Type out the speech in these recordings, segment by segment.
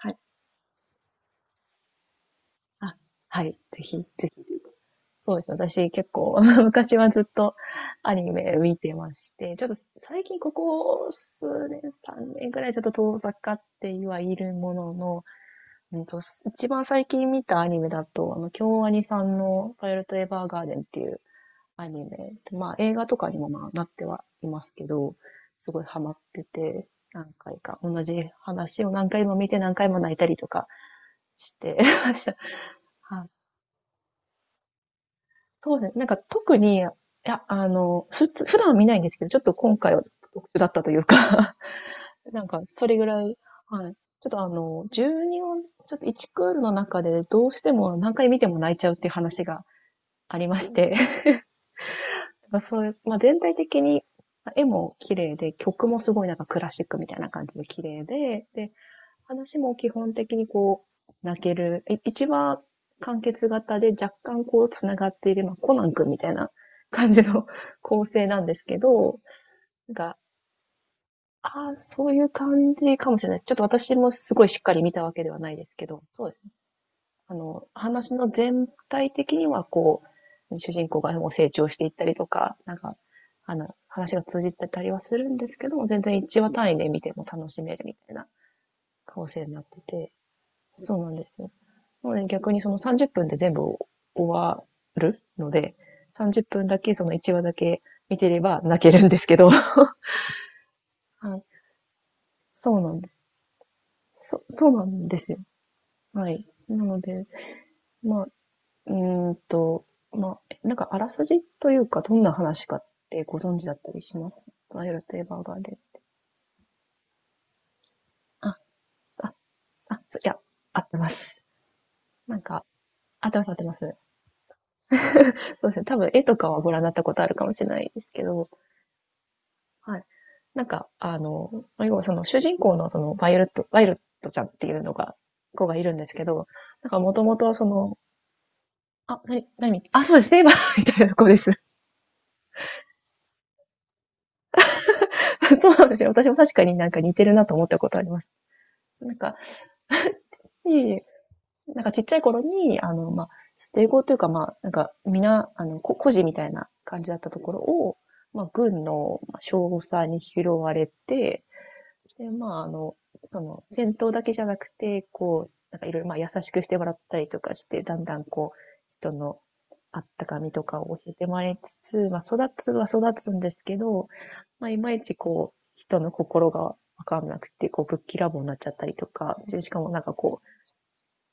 はい。あ、はい。ぜひ、ぜひ。そうですね。私結構 昔はずっとアニメ見てまして、ちょっと最近ここ数年、3年くらいちょっと遠ざかってはいるものの、うんと、一番最近見たアニメだと、京アニさんのパイロットエヴァーガーデンっていうアニメ、まあ映画とかにもまあなってはいますけど、すごいハマってて、何回か同じ話を何回も見て何回も泣いたりとかしてました。はい、そうですね。なんか特に、いや、普段は見ないんですけど、ちょっと今回は特殊だったというか なんかそれぐらい、はい。ちょっと12音、ちょっと1クールの中でどうしても何回見ても泣いちゃうっていう話がありまして、まあそういう、まあ全体的に絵も綺麗で、曲もすごいなんかクラシックみたいな感じで綺麗で、で、話も基本的にこう、泣ける。一話完結型で若干こう繋がっている、まあ、コナン君みたいな感じの 構成なんですけど、なんか、ああ、そういう感じかもしれないです。ちょっと私もすごいしっかり見たわけではないですけど、そうですね。話の全体的にはこう、主人公がもう成長していったりとか、なんか、話が通じてたりはするんですけども、全然一話単位で見ても楽しめるみたいな構成になってて、そうなんですよね。もうね、逆にその30分で全部終わるので、30分だけその1話だけ見てれば泣けるんですけど、はい。そうなんです。そうなんですよ。はい。なので、まあ、うーんと、まあ、なんかあらすじというか、どんな話かってご存知だったりします、バイオレット・エヴァーガーデン？あ、あ、そいや、合ってます。なんか、合ってます合ってます。そうですね。多分絵とかはご覧になったことあるかもしれないですけど、はい。なんか、要はその主人公のそのバイオレットちゃんっていうのが、子がいるんですけど、なんかもともとその、あ、なになにあ、そうです、セイバー みたいな子です。そうなんですよ。私も確かになんか似てるなと思ったことあります。なんか、いえいえ、なんかちっちゃい頃に、まあ、捨て子というか、まあ、なんか、皆、孤児みたいな感じだったところを、まあ、軍の、少佐に拾われてで、まあ、その、戦闘だけじゃなくて、こう、なんかいろいろ、まあ、優しくしてもらったりとかして、だんだんこう、人のあったかみとかを教えてもらいつつ、まあ、育つは育つんですけど、まあ、いまいちこう、人の心がわかんなくて、こう、ぶっきらぼうになっちゃったりとか、でしかもなんか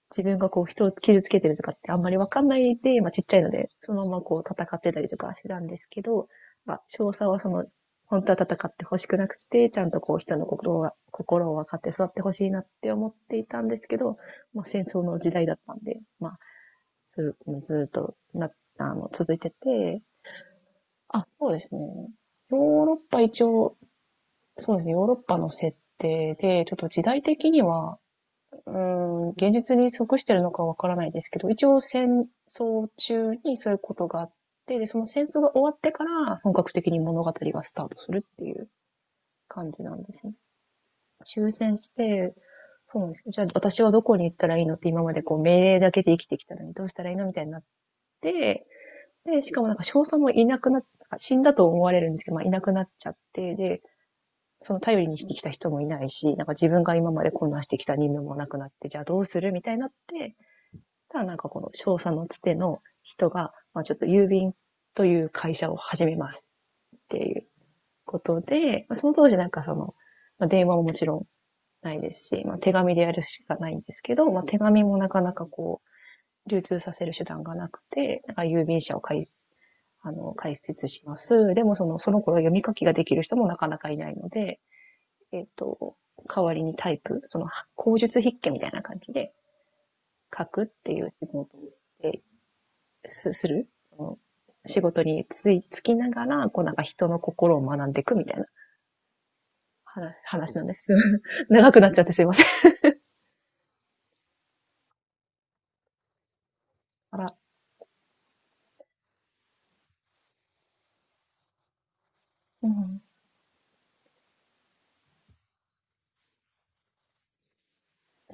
自分がこう人を傷つけてるとかってあんまりわかんないで、まあちっちゃいので、そのままこう戦ってたりとかしてたんですけど、まあ、少佐はその、本当は戦ってほしくなくて、ちゃんとこう人の心を分かって育ってほしいなって思っていたんですけど、まあ戦争の時代だったんで、まあ、それずっとな、続いてて、あ、そうですね。ヨーロッパ一応、そうですね、ヨーロッパの設定で、ちょっと時代的には、現実に即してるのかわからないですけど、一応戦争中にそういうことがあって、で、その戦争が終わってから本格的に物語がスタートするっていう感じなんですね。終戦して、そうなんです。じゃあ私はどこに行ったらいいのって、今までこう命令だけで生きてきたのに、どうしたらいいのみたいになって、で、しかもなんか少佐もいなくなっ、死んだと思われるんですけど、まあいなくなっちゃって、で、その頼りにしてきた人もいないし、なんか自分が今までこんなしてきた任務もなくなって、じゃあどうするみたいになって、ただなんかこの商社のつての人が、まあちょっと郵便という会社を始めますっていうことで、まあその当時なんかその、まあ電話ももちろんないですし、まあ手紙でやるしかないんですけど、まあ手紙もなかなかこう、流通させる手段がなくて、なんか郵便社を開、あの、開設します。でもその頃読み書きができる人もなかなかいないので、えっ、と、代わりにタイプ、その、口述筆記みたいな感じで書くっていう仕事をしてすするその仕事についつきながら、こうなんか人の心を学んでいくみたいな話なんです。長くなっちゃってすいません。あら、うん、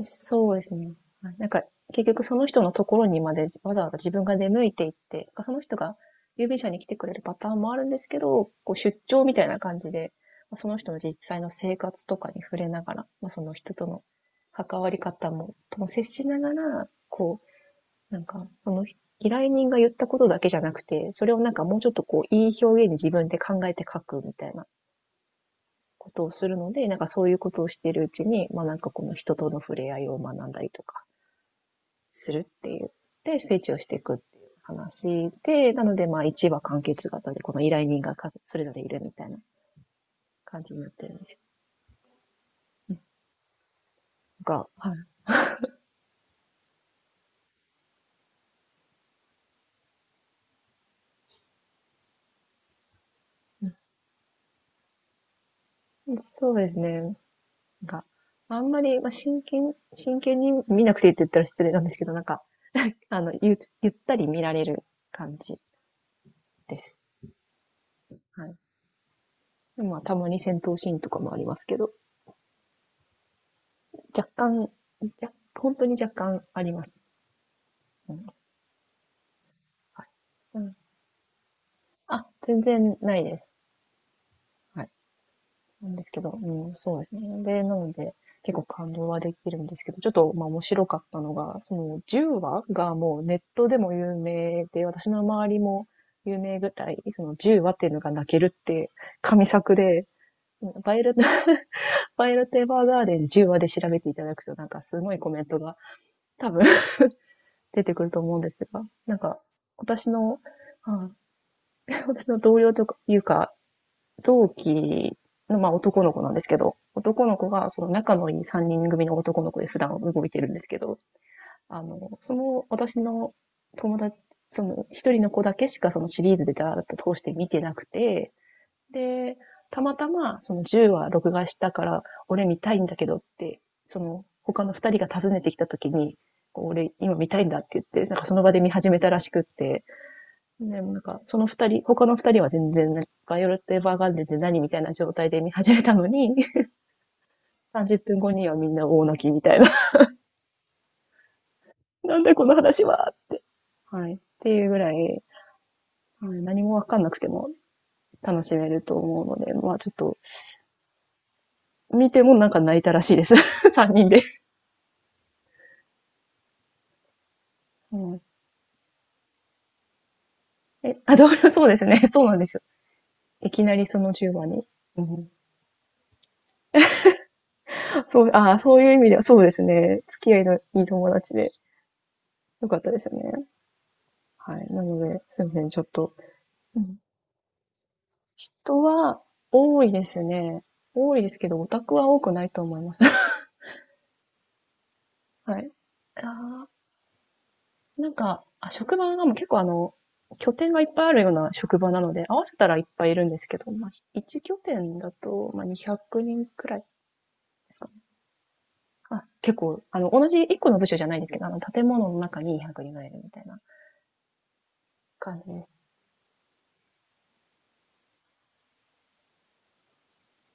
そうですね。なんか結局その人のところにまでわざわざ自分が出向いていって、その人が郵便車に来てくれるパターンもあるんですけど、こう出張みたいな感じで、その人の実際の生活とかに触れながら、まあ、その人との関わり方も、とも接しながら、なんか、その依頼人が言ったことだけじゃなくて、それをなんかもうちょっとこう、いい表現に自分で考えて書くみたいなことをするので、なんかそういうことをしているうちに、まあなんかこの人との触れ合いを学んだりとかするっていう。で、成長していくっていう話で、なのでまあ1話完結型で、この依頼人がそれぞれいるみたいな感じになってるんですよ。が、はい、そうですね。が、あんまり、まあ、真剣に見なくていいって言ったら失礼なんですけど、なんか、ゆったり見られる感じです。はい。まあ、たまに戦闘シーンとかもありますけど、若干、じゃ本当に若干あります。うん。はい。うん。あ、全然ないです。はい。なんですけど、うん、そうですね。で、なので、結構感動はできるんですけど、ちょっと、まあ、面白かったのが、その、10話がもうネットでも有名で、私の周りも有名ぐらい、その10話っわっていうのが泣けるって神作で、バイオレットパイルテーバーガーデン10話で調べていただくとなんかすごいコメントが多分 出てくると思うんですが、なんか私の、あ私の同僚とかいうか、同期の、まあ、男の子なんですけど、男の子が、その仲のいい3人組の男の子で普段動いてるんですけど、あの、その私の友達、その一人の子だけしかそのシリーズでだーっと通して見てなくて、で、たまたま、その10話録画したから、俺見たいんだけどって、その、他の2人が訪ねてきた時に、俺今見たいんだって言って、なんかその場で見始めたらしくって、でもなんかその2人、他の2人は全然、なんかバイオレット・エヴァーガンデンで何みたいな状態で見始めたのに、30分後にはみんな大泣きみたいな、なんだこの話はって。はい。っていうぐらい、はい、何もわかんなくても楽しめると思うので、まあちょっと、見てもなんか泣いたらしいです。3人で。うん。え、あ、同僚、そうですね。そうなんですよ。いきなりその10番に。うん、そう、ああ、そういう意味では、そうですね。付き合いのいい友達で、よかったですよね。はい。なので、すいません、ちょっと。うん、人は多いですね。多いですけど、オタクは多くないと思います。はい。あーなんか、職場がもう結構あの、拠点がいっぱいあるような職場なので、合わせたらいっぱいいるんですけど、まあ、1拠点だと、まあ、200人くにんくらいですかね。あ、結構、あの、同じ1個の部署じゃないですけど、あの、建物の中に200人ぐらいいるみたいな感じです。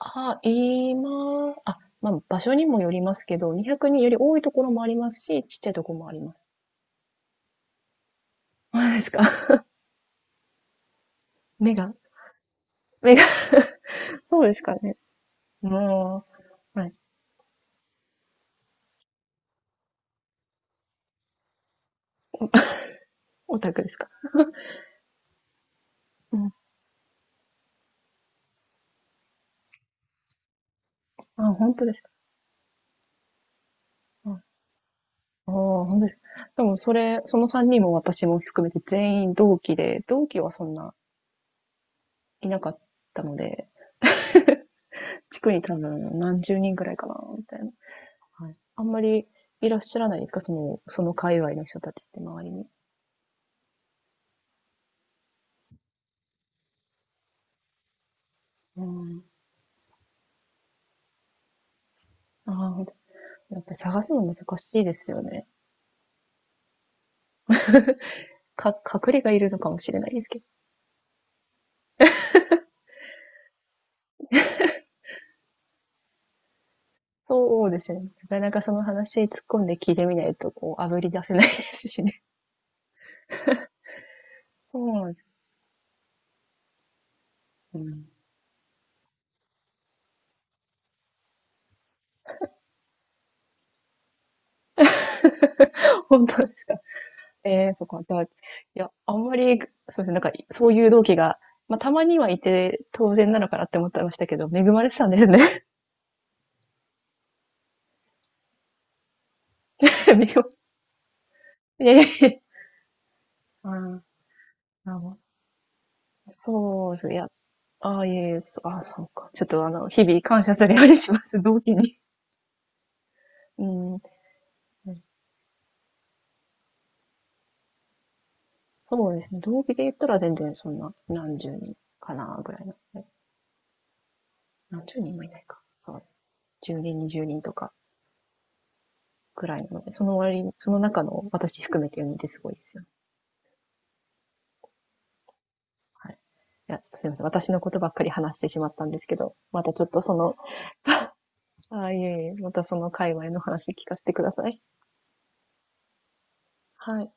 あ、今、あ、まあ、場所にもよりますけど、200人より多いところもありますし、ちっちゃいところもあります。そうですか。目が、目が、そうですかね。もう、はい。オタクですか。うん。あ、本当ですか。うん。ああ、本当ですか。でも、それ、その3人も私も含めて全員同期で、同期はそんないなかったので、地区に多分何十人ぐらいかな、みたいな。はい。あんまりいらっしゃらないですか？そのその界隈の人たちって周りに。うん。ああ、ほんと、やっぱり探すの難しいですよね。か隠れがいるのかもしれないですけど。そうですよね。なかなかその話突っ込んで聞いてみないと、こう、炙り出せないですしね。そうなんです。うん。本当ですか。ええ、そっか。じゃあ、いや、あんまり、そうですね、なんか、そういう同期が、まあ、たまにはいて当然なのかなって思ってましたけど、恵まれてたんですね。めぐいやいや、ああ、なるほど。そうですね。いや、ああ、いえいえ、ああ、そうか。ちょっとあの、日々感謝するようにします、同期に。うん。そうですね。同期で言ったら全然そんな、何十人かな、ぐらいの。何十人もいないか。そう。10人、20人とか、ぐらいなので、その割に、その中の私含めて4ってすごいですよ。はい。いや、ちょっとすいません。私のことばっかり話してしまったんですけど、またちょっとその、ああ、いえいえ、またその界隈の話聞かせてください。はい。